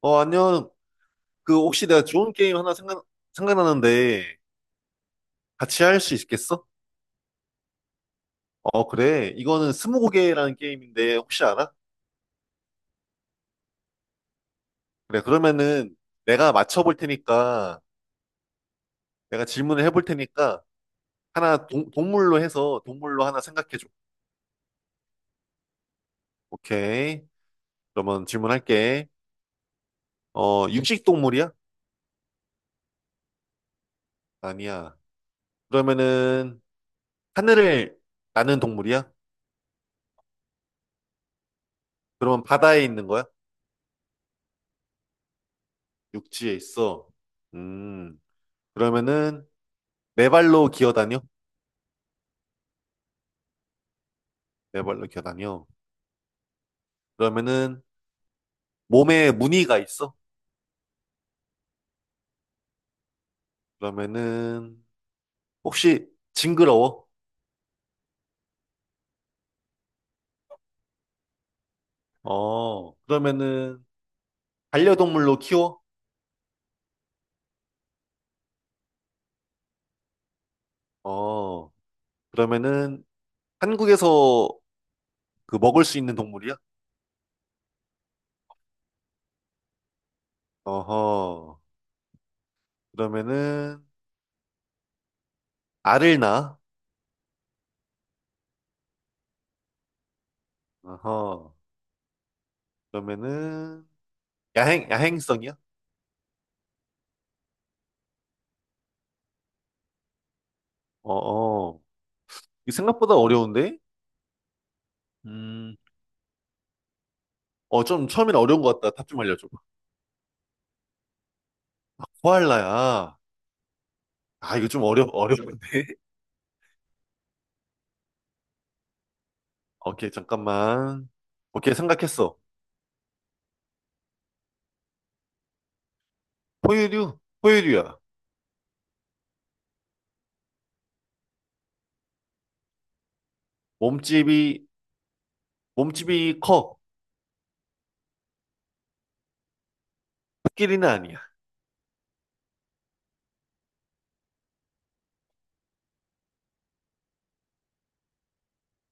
어, 안녕. 그, 혹시 내가 좋은 게임 하나 생각나는데, 같이 할 수 있겠어? 어, 그래. 이거는 스무고개라는 게임인데, 혹시 알아? 그래, 그러면은 내가 맞춰볼 테니까, 내가 질문을 해볼 테니까, 하나 동, 동물로 해서 동물로 하나 생각해줘. 오케이. 그러면 질문할게. 육식 동물이야? 아니야. 그러면은, 하늘을 나는 동물이야? 그러면 바다에 있는 거야? 육지에 있어. 음, 그러면은, 네 발로 기어다녀? 네 발로 기어다녀. 그러면은 몸에 무늬가 있어? 그러면은 혹시 징그러워? 어, 그러면은 반려동물로 키워? 어, 그러면은 한국에서 그 먹을 수 있는 동물이야? 어허. 그러면은 알을 낳아? 어허. 그러면은 야행성이야? 어어. 이 생각보다 어려운데? 음. 어, 좀 처음엔 어려운 것 같다. 답 좀 알려줘. 아, 코알라야. 아, 이거 좀 어려워. 오케이, 잠깐만. 오케이, 생각했어. 포유류? 포유류야. 몸집이, 몸집이 커. 코끼리는 아니야.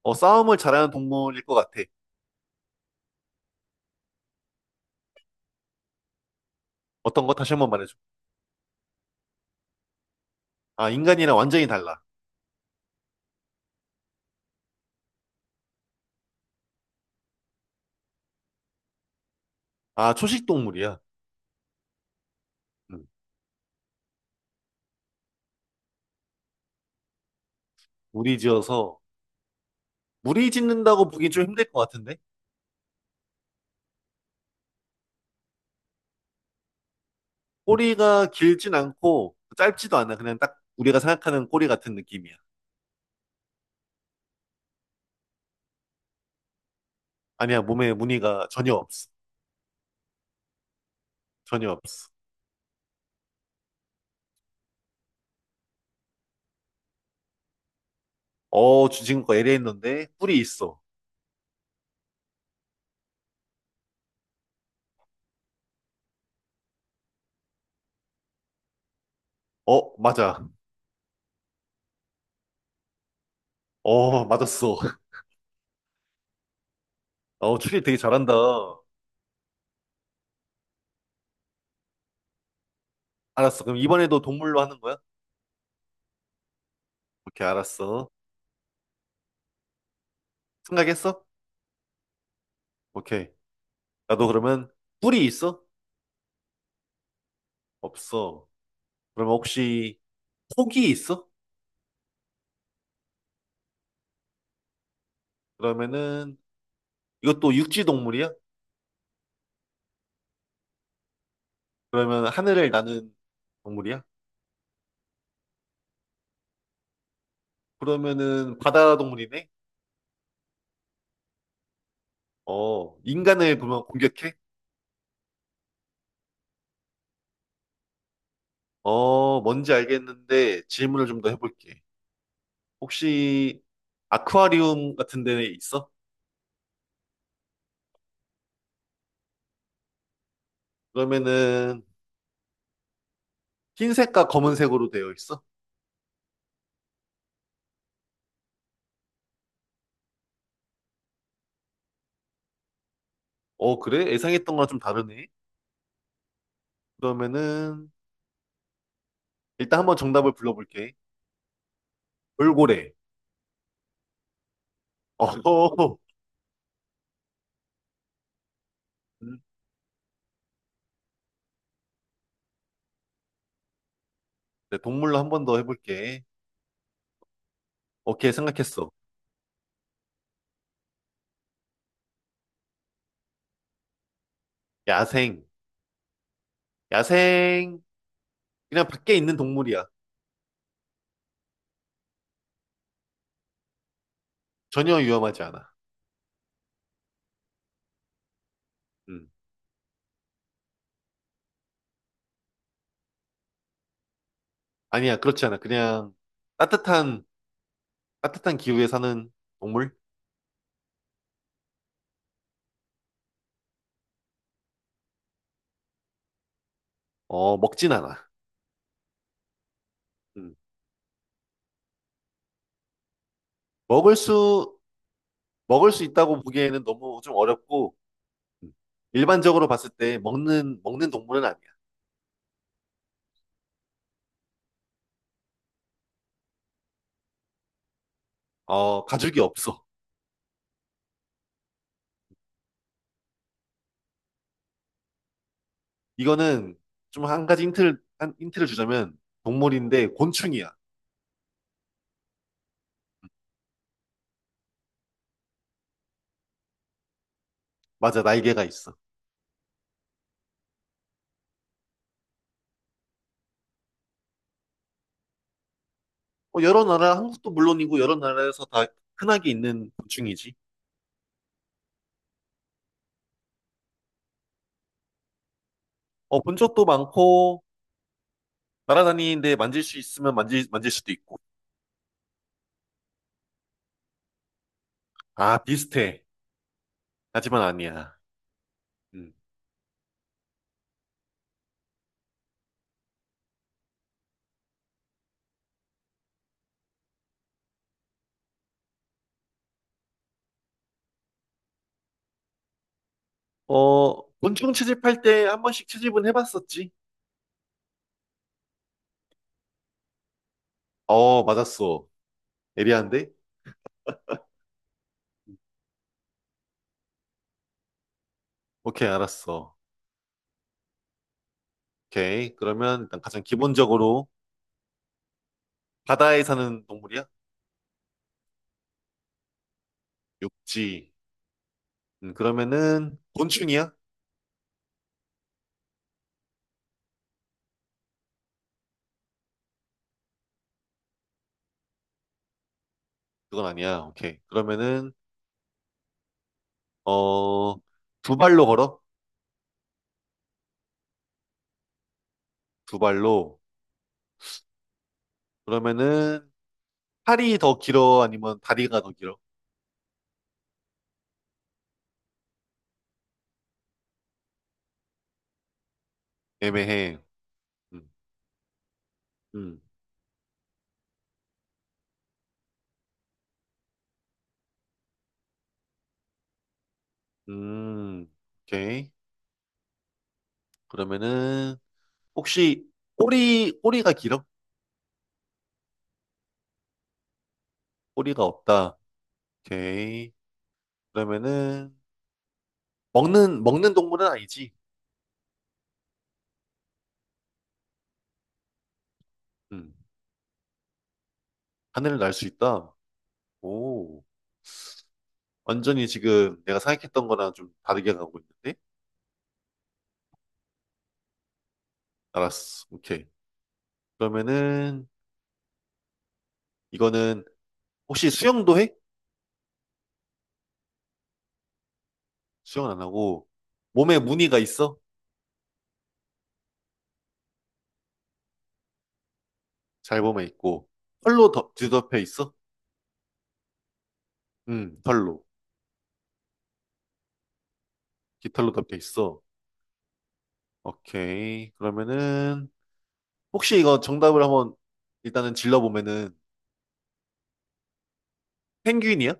어, 싸움을 잘하는 동물일 것 같아. 어떤 거 다시 한 번 말해줘. 아, 인간이랑 완전히 달라. 아, 초식 동물이야. 음, 무리 지어서. 무리 짓는다고 보기 좀 힘들 것 같은데? 꼬리가 길진 않고 짧지도 않아. 그냥 딱 우리가 생각하는 꼬리 같은 느낌이야. 아니야, 몸에 무늬가 전혀 없어. 전혀 없어. 어, 지금 거 LA 했는데 뿔이 있어. 어, 맞아. 어, 맞았어. 어, 추리 되게 잘한다. 알았어. 그럼 이번에도 동물로 하는 거야? 오케이, 알았어. 생각했어? 오케이. 나도 그러면 뿔이 있어? 없어. 그러면 혹시 폭이 있어? 그러면은 이것도 육지 동물이야? 그러면 하늘을 나는 동물이야? 그러면은 바다 동물이네? 어, 인간을 그러면 공격해? 어, 뭔지 알겠는데 질문을 좀 더 해볼게. 혹시 아쿠아리움 같은 데 있어? 그러면은 흰색과 검은색으로 되어 있어? 어, 그래? 예상했던 거랑 좀 다르네. 그러면은, 일단 한번 정답을 불러볼게. 돌고래. 어, 음, 네, 동물로 한 번 더 해볼게. 오케이, 생각했어. 야생. 야생. 그냥 밖에 있는 동물이야. 전혀 위험하지 않아. 음. 아니야, 그렇지 않아. 따뜻한, 따뜻한 기후에 사는 동물? 어, 먹진 않아. 음. 먹을 수, 먹을 수 있다고 보기에는 너무 좀 어렵고, 음. 일반적으로 봤을 때 먹는 동물은 아니야. 어, 가죽이 없어. 이거는 좀 한 힌트를 주자면 동물인데 곤충이야. 맞아, 날개가 있어. 어, 여러 나라, 한국도 물론이고 여러 나라에서 다 흔하게 있는 곤충이지. 어, 본 적도 많고, 날아다니는데 만질 수 있으면 만질 수도 있고. 아, 비슷해. 하지만 아니야. 음. 어, 곤충 채집할 때 한 번씩 채집은 해봤었지? 어, 맞았어. 예리한데? 오케이, 알았어. 오케이. 그러면 일단 가장 기본적으로 바다에 사는 동물이야? 육지. 그러면은 곤충이야? 그건 아니야. 오케이. 그러면은 어, 두 발로 걸어? 두 발로. 그러면은 팔이 더 길어? 아니면 다리가 더 길어? 애매해. 음, 음, 음. 오케이. 그러면은 혹시 꼬리가 길어? 꼬리가 없다. 오케이. 그러면은 먹는 동물은 아니지? 음, 하늘을 날 수 있다. 오, 완전히 지금 내가 생각했던 거랑 좀 다르게 가고 있는데? 알았어. 오케이. 그러면은 이거는 혹시 수영도 해? 수영은 안 하고 몸에 무늬가 있어? 잘 보면 있고 뒤덮여 있어? 털로 깃털로 덮여 있어. 오케이. 그러면은 혹시 이거 정답을 한번 일단은 질러 보면은 펭귄이야?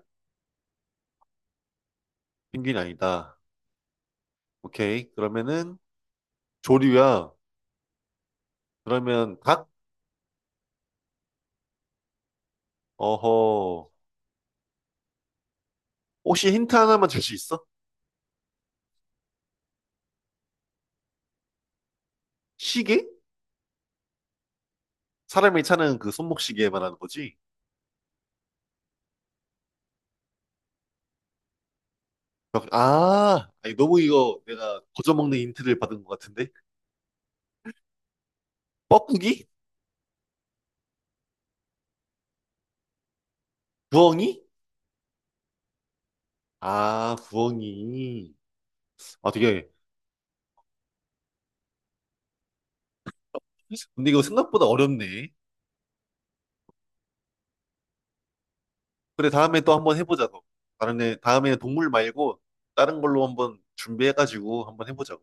펭귄 아니다. 오케이. 그러면은 조류야. 그러면 닭? 어허. 혹시 힌트 하나만 줄 수 있어? 시계? 사람이 차는 그 손목시계 말하는 거지? 아, 아니, 너무 이거 내가 거저먹는 힌트를 받은 것 같은데? 뻐꾸기? 부엉이? 아, 부엉이. 아, 되게. 근데 이거 생각보다 어렵네. 그래, 다음에 또 한번 해보자고. 다음에 동물 말고 다른 걸로 한번 준비해가지고 한번 해보자고.